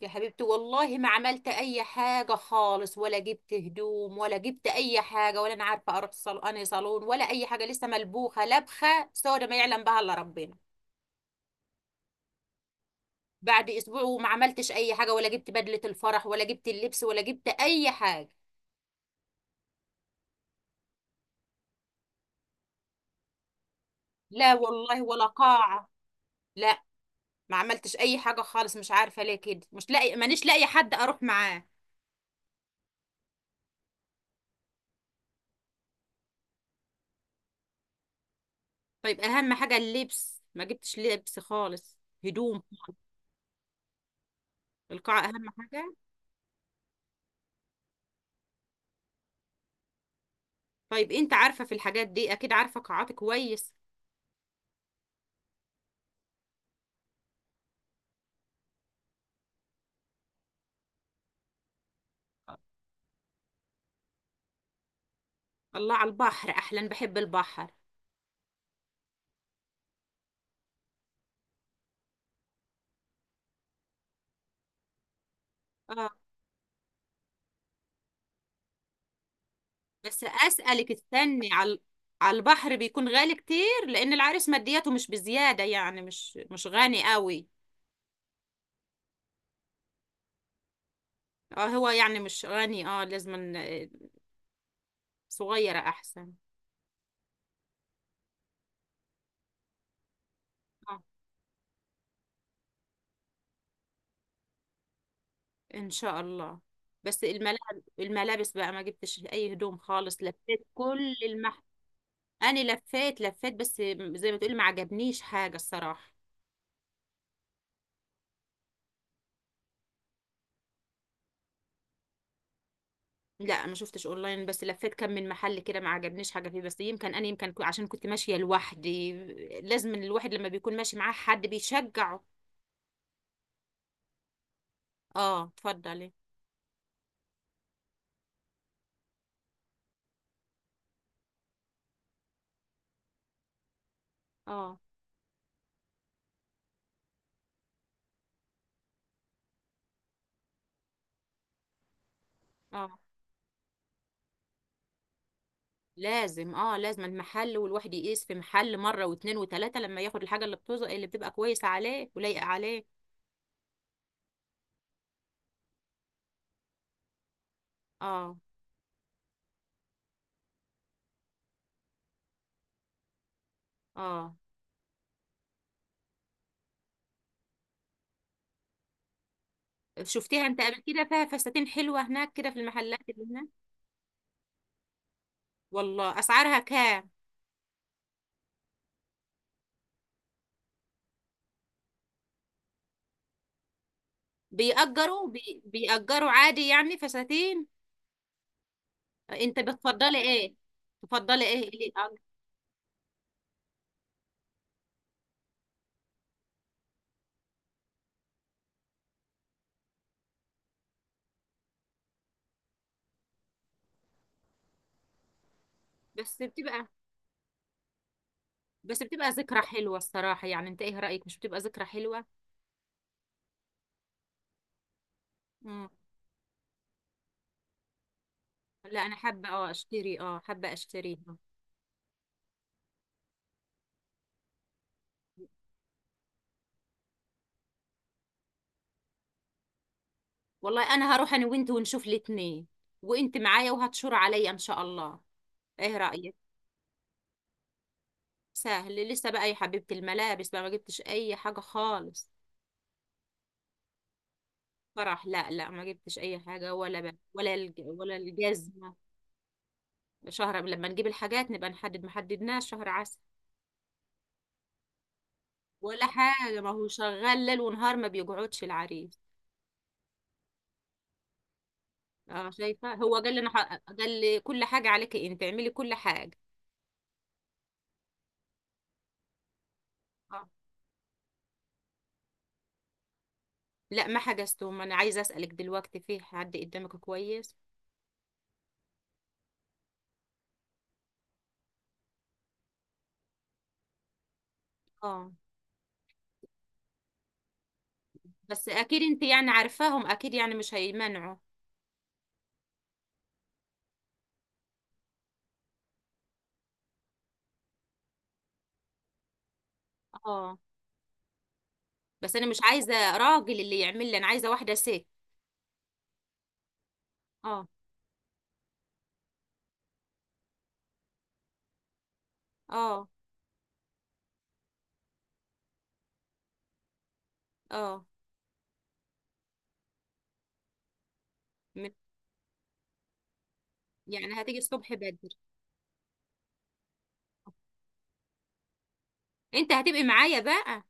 يا حبيبتي، والله ما عملت اي حاجه خالص، ولا جبت هدوم، ولا جبت اي حاجه، ولا انا عارفه اروح صالون انهي صالون ولا اي حاجه. لسه ملبوخه لبخه سودا ما يعلم بها الا ربنا. بعد اسبوع وما عملتش اي حاجه، ولا جبت بدله الفرح، ولا جبت اللبس، ولا جبت اي حاجه. لا والله، ولا قاعه. لا. ما عملتش اي حاجه خالص، مش عارفه ليه كده، مش لاقي، مانيش لاقي حد اروح معاه. طيب، اهم حاجه اللبس، ما جبتش لبس خالص. هدوم. القاعه اهم حاجه. طيب انت عارفة في الحاجات دي، اكيد عارفة قاعات كويس. الله، على البحر احلا، بحب البحر. اه، بس اسألك، استني على البحر بيكون غالي كتير، لان العريس مادياته مش بزيادة، يعني مش غني قوي. اه، هو يعني مش غني، لازم صغيرة احسن. اه، ان شاء الله. بس الملابس. الملابس بقى ما جبتش اي هدوم خالص، لفيت كل المحل. انا لفيت، لفيت بس، زي ما تقولي ما عجبنيش حاجة الصراحة. لا، ما شفتش اونلاين، بس لفيت كم من محل كده، ما عجبنيش حاجه فيه، بس يمكن انا، يمكن عشان كنت ماشيه لوحدي. لازم الواحد لما بيكون ماشي معاه حد بيشجعه. اه، اتفضلي. اه، اه، لازم المحل، والواحد يقيس في محل مره واتنين وتلاته لما ياخد الحاجه اللي بتوزق، اللي بتبقى كويسه عليه ولايقه عليه. اه، اه، شفتيها انت قبل كده؟ فيها فساتين حلوه هناك كده، في المحلات اللي هناك؟ والله، اسعارها كام؟ بيأجروا عادي يعني فساتين؟ انت بتفضلي ايه؟ تفضلي ايه؟ بس بتبقى بس بتبقى ذكرى حلوة الصراحة، يعني انت ايه رأيك؟ مش بتبقى ذكرى حلوة؟ مم. لا، انا حابة، اشتري، حابة اشتريها. والله انا هروح انا وانت ونشوف الاتنين، وانت معايا وهتشور عليا ان شاء الله. ايه رأيك؟ سهل لسه بقى يا حبيبة. الملابس بقى ما جبتش اي حاجة خالص. فرح، لا، لا، ما جبتش اي حاجة، ولا بقى ولا ولا الجزمة. شهر، لما نجيب الحاجات نبقى نحدد، ما حددناش شهر عسل. ولا حاجة، ما هو شغال ليل ونهار، ما بيقعدش العريس. اه، شايفة، هو قال لي كل حاجة عليك انت، اعملي كل حاجة. اه، لا، ما حجزتهم. انا عايزة اسألك، دلوقتي في حد قدامك كويس؟ اه، بس اكيد انت يعني عارفاهم، اكيد يعني مش هيمنعوا. اه، بس انا مش عايزة راجل اللي يعمل لي، انا عايزة واحدة ست. اه، اه، اه، من- يعني هتيجي الصبح بدري؟ انت هتبقي معايا بقى؟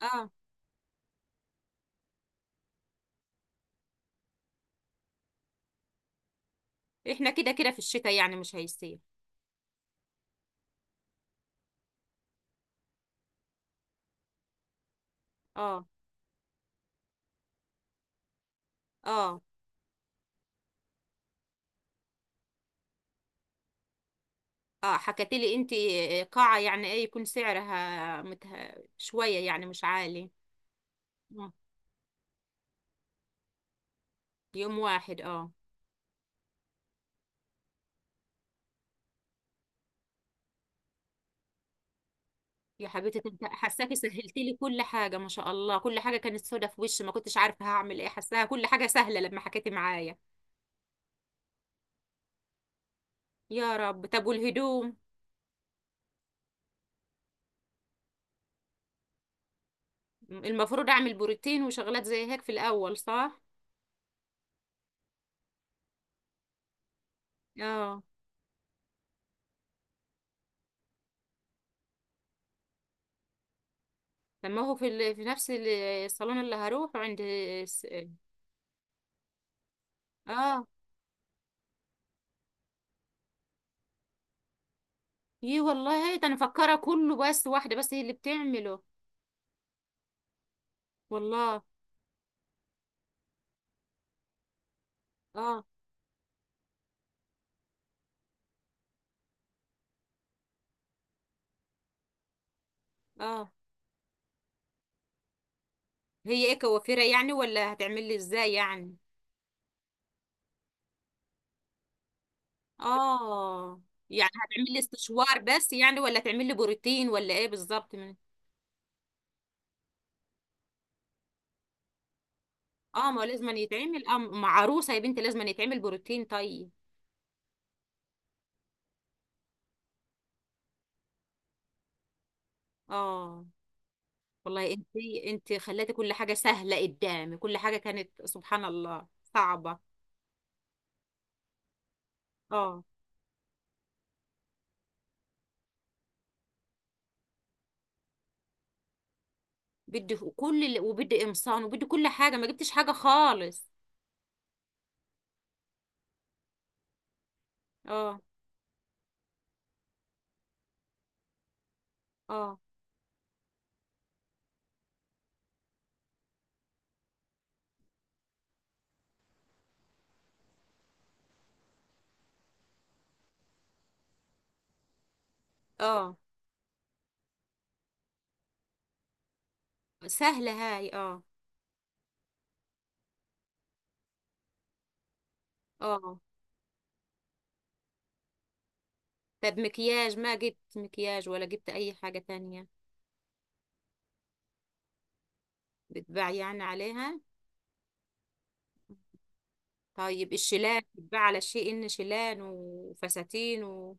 اه، احنا كده كده في الشتاء، يعني مش هيصير. اه، اه، اه، حكت لي انت، قاعة يعني ايه يكون سعرها شوية يعني، مش عالي. آه. يوم واحد، اه. يا حبيبتي انت حساكي سهلتي لي كل حاجة، ما شاء الله. كل حاجة كانت سودة في وشي، ما كنتش عارفة هعمل ايه. حساها كل حاجة سهلة لما حكيتي معايا. يا رب. طب، والهدوم؟ المفروض اعمل بروتين وشغلات زي هيك في الاول، صح؟ اه، لما هو في نفس الصالون اللي هروح. اه، يي، والله هي ده انا مفكرة كله، بس واحدة بس هي اللي بتعمله. والله. اه، اه، هي ايه، كوافيرة يعني، ولا هتعمل لي ازاي يعني؟ اه، يعني هتعمل لي استشوار بس يعني، ولا تعمل لي بروتين، ولا ايه بالظبط من؟ اه، ما هو لازم أن يتعمل، مع عروسة يا بنتي لازم أن يتعمل بروتين. طيب. اه، والله انت خلاتي كل حاجة سهلة قدامي. كل حاجة كانت سبحان الله صعبة. اه، بدي ف- كل ال- وبدي قمصان، وبدي كل حاجة، ما جبتش حاجة خالص. اه، اه، اه، سهلة هاي، اه. اه، طب مكياج، ما جبت مكياج ولا جبت اي حاجة تانية؟ بتباع يعني عليها؟ طيب الشيلان بتباع على شيء ان، شيلان وفساتين.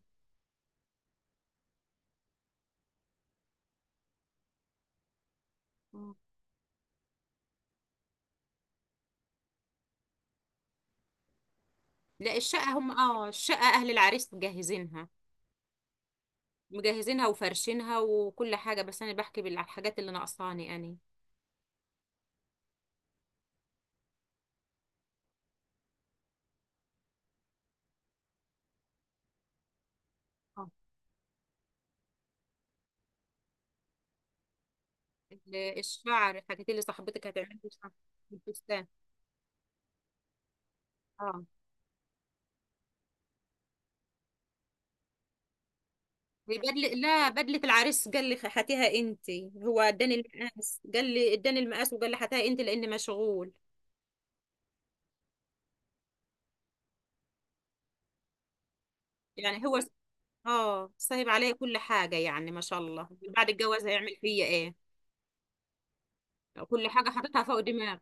مم. لا، الشقة هم اه الشقة اهل العريس مجهزينها. مجهزينها وفرشينها وكل حاجة، بس انا بحكي بالحاجات اللي ناقصاني انا. اه، الشعر الحاجات اللي صاحبتك هتعمل لي شعر. الفستان. اه، هي بدلة، لا، بدلة العريس قال لي هاتيها انت. هو اداني المقاس، قال لي اداني المقاس، وقال لي هاتيها انت لان مشغول. يعني هو، اه، سايب عليا كل حاجة يعني ما شاء الله. بعد الجواز هيعمل فيا ايه؟ كل حاجة حاططها فوق دماغي.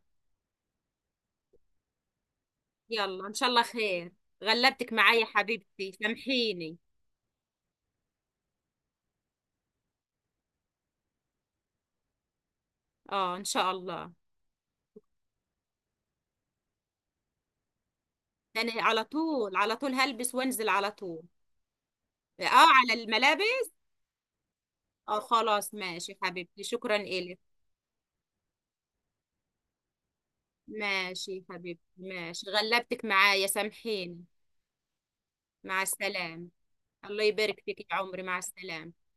يلا، ان شاء الله خير. غلبتك معايا يا حبيبتي، سامحيني. اه، ان شاء الله. انا على طول، على طول هلبس وانزل على طول. اه، على الملابس. اه، خلاص ماشي حبيبتي، شكرا الك. ماشي حبيبتي، ماشي، غلبتك معايا سامحيني. مع السلامة. الله يبارك فيك يا عمري، مع السلامة.